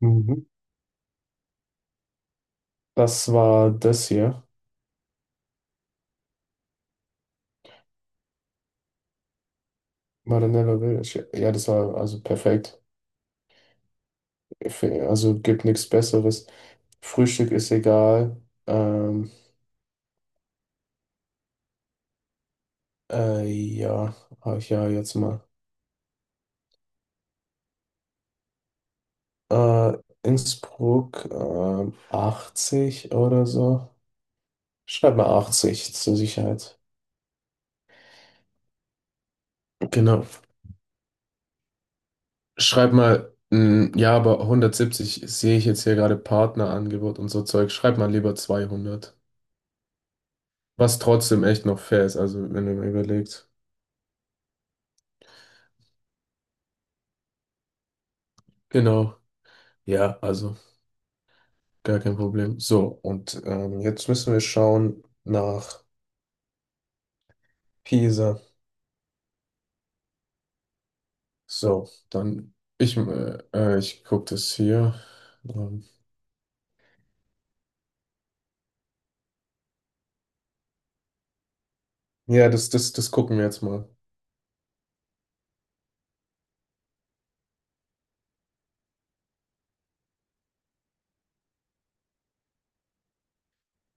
Mhm. Das war das hier. Marinello Village. Ja, ja, das war also perfekt. Also gibt nichts Besseres. Frühstück ist egal. Ähm, ja, habe ich ja jetzt mal. Äh, Innsbruck, 80 oder so. Schreib mal 80 zur Sicherheit. Genau. Schreib mal, ja, aber 170 sehe ich jetzt hier gerade Partnerangebot und so Zeug. Schreib mal lieber 200. Was trotzdem echt noch fair ist, also wenn ihr mal überlegt. Genau, ja, also gar kein Problem. So, und jetzt müssen wir schauen nach Pisa. So, dann, ich gucke das hier. Ähm, ja, das gucken wir jetzt mal.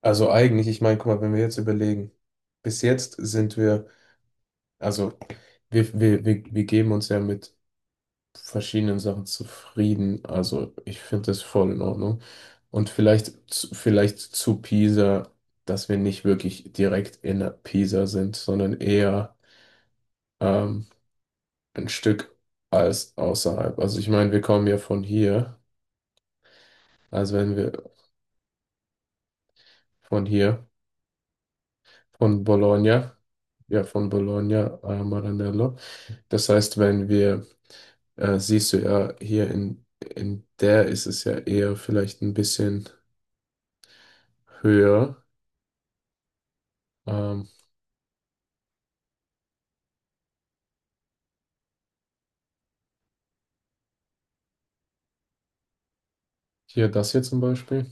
Also eigentlich, ich meine, guck mal, wenn wir jetzt überlegen, bis jetzt sind wir, also wir geben uns ja mit verschiedenen Sachen zufrieden. Also ich finde das voll in Ordnung. Und vielleicht, vielleicht zu Pisa, dass wir nicht wirklich direkt in der Pisa sind, sondern eher ähm, ein Stück als außerhalb. Also ich meine, wir kommen ja von hier, also wenn wir von hier, von Bologna, ja von Bologna, Maranello. Das heißt, wenn wir, siehst du ja, hier in der ist es ja eher vielleicht ein bisschen höher. Ähm, Hier das hier zum Beispiel.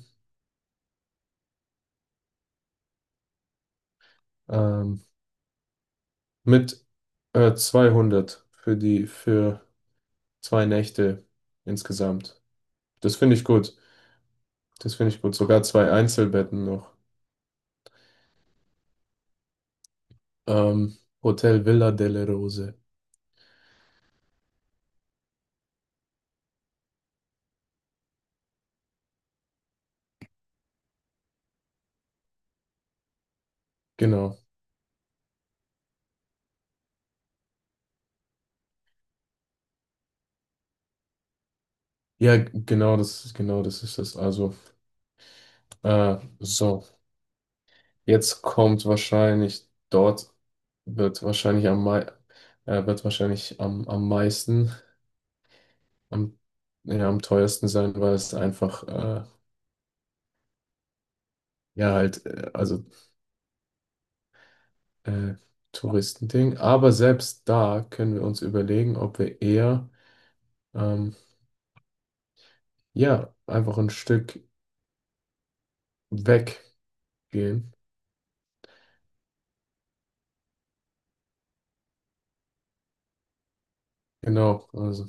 Ähm, mit 200 für 2 Nächte insgesamt. Das finde ich gut. Das finde ich gut. Sogar zwei Einzelbetten noch. Ähm, Hotel Villa delle Rose. Genau. Ja, genau genau das ist es. Also, so. Jetzt kommt wahrscheinlich dort wird wahrscheinlich am mei wird wahrscheinlich am meisten, am, ja, am teuersten sein, weil es einfach ja, halt, also äh, Touristending. Aber selbst da können wir uns überlegen, ob wir eher, ähm, ja, einfach ein Stück weggehen. Genau, also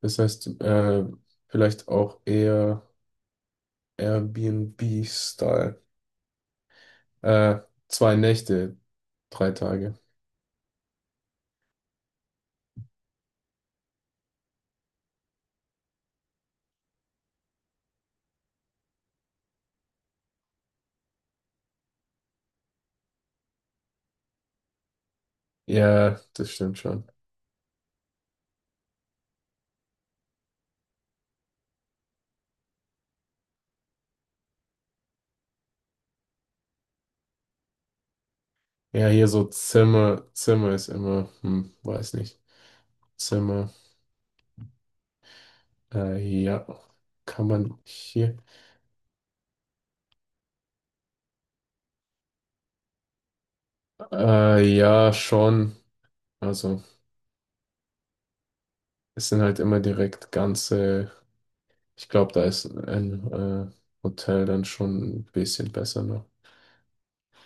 das heißt, vielleicht auch eher Airbnb-Style. Äh, 2 Nächte, 3 Tage. Ja, das stimmt schon. Ja, hier so Zimmer, Zimmer ist immer, weiß nicht. Zimmer, äh, ja, kann man hier, ja, schon. Also, es sind halt immer direkt ganze, ich glaube, da ist ein Hotel dann schon ein bisschen besser noch.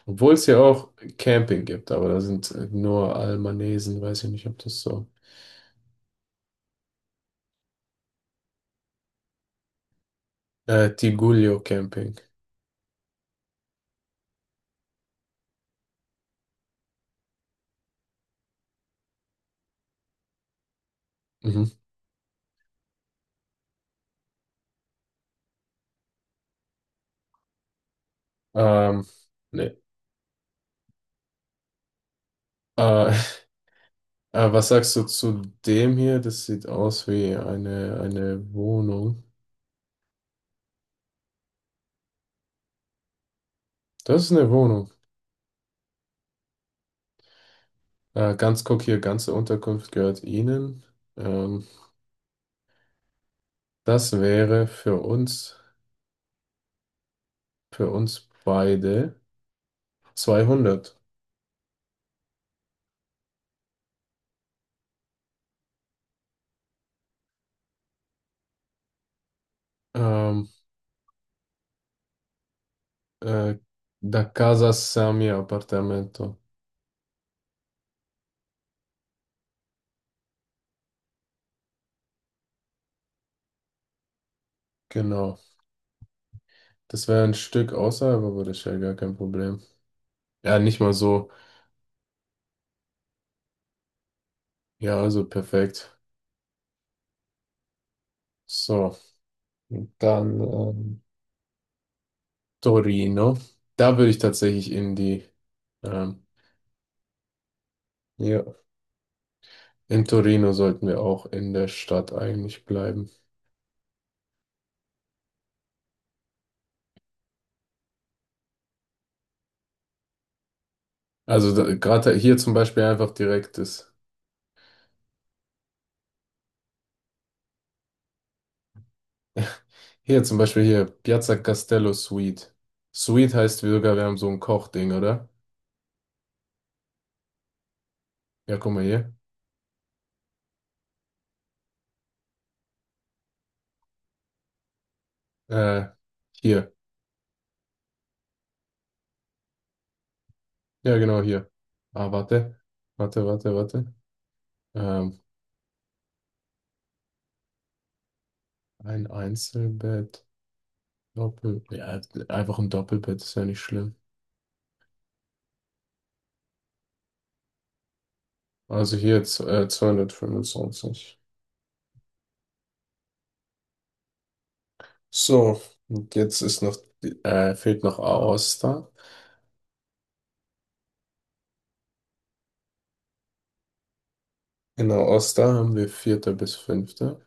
Obwohl es ja auch Camping gibt, aber da sind nur Albanesen, weiß ich nicht, ob das so. Tigullio Camping. Mhm. Ähm, nee. Äh, was sagst du zu dem hier? Das sieht aus wie eine Wohnung. Das ist eine Wohnung. Ganz guck hier, ganze Unterkunft gehört Ihnen. Ähm, das wäre für uns beide 200. Ähm, äh, da casa Sami Appartamento. Genau. Das wäre ein Stück außerhalb, aber das ist ja gar kein Problem. Ja, nicht mal so. Ja, also perfekt. So, dann, Torino. Da würde ich tatsächlich in die, ähm, ja, in Torino sollten wir auch in der Stadt eigentlich bleiben. Also gerade hier zum Beispiel einfach direkt ist. Hier zum Beispiel hier, Piazza Castello Suite. Suite heißt sogar, wir haben so ein Kochding, oder? Ja, guck mal hier. Äh, hier. Ja, genau hier. Ah, warte. Warte, warte, warte. Ähm, ein Einzelbett. Doppel. Ja, einfach ein Doppelbett ist ja nicht schlimm. Also hier jetzt 225. So, und jetzt ist noch, fehlt noch Aosta. In Aosta haben wir vierte bis fünfte.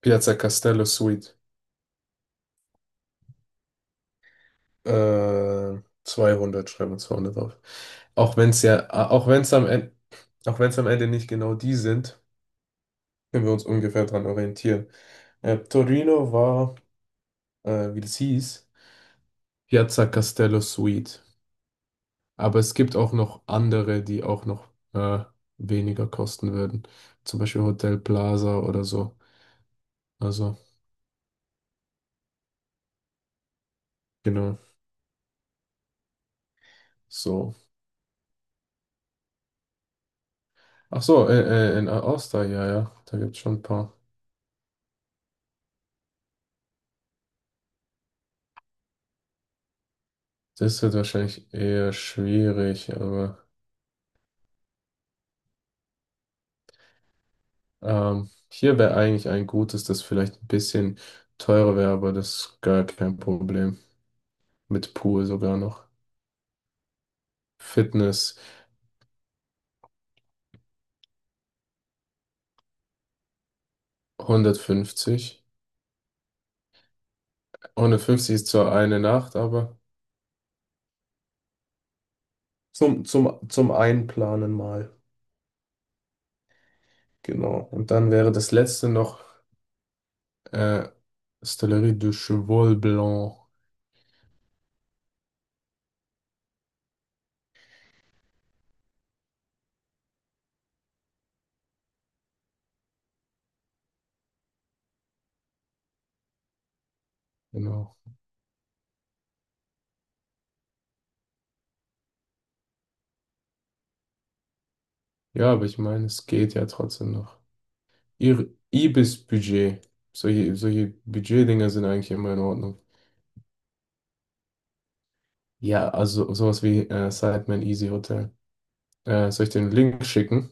Piazza Castello Suite. 200, schreiben wir 200 auf. Auch wenn es ja, auch wenn es am Ende, auch wenn es am Ende nicht genau die sind, können wir uns ungefähr dran orientieren. Torino war, wie das hieß, Piazza Castello Suite. Aber es gibt auch noch andere, die auch noch äh, weniger kosten würden. Zum Beispiel Hotel Plaza oder so. Also, genau. So. Ach so, in All-Star, ja, ja. Da gibt es schon ein paar. Das wird wahrscheinlich eher schwierig, aber hier wäre eigentlich ein gutes, das vielleicht ein bisschen teurer wäre, aber das ist gar kein Problem. Mit Pool sogar noch. Fitness 150. 150 ist zwar eine Nacht, aber zum Einplanen mal. Genau. Und dann wäre das letzte noch äh, Stellerie de Cheval Blanc. Genau. Ja, aber ich meine, es geht ja trotzdem noch. Ihr Ibis-Budget. Solche Budgetdinger sind eigentlich immer in Ordnung. Ja, also sowas wie Sidemen Easy Hotel. Soll ich den Link schicken?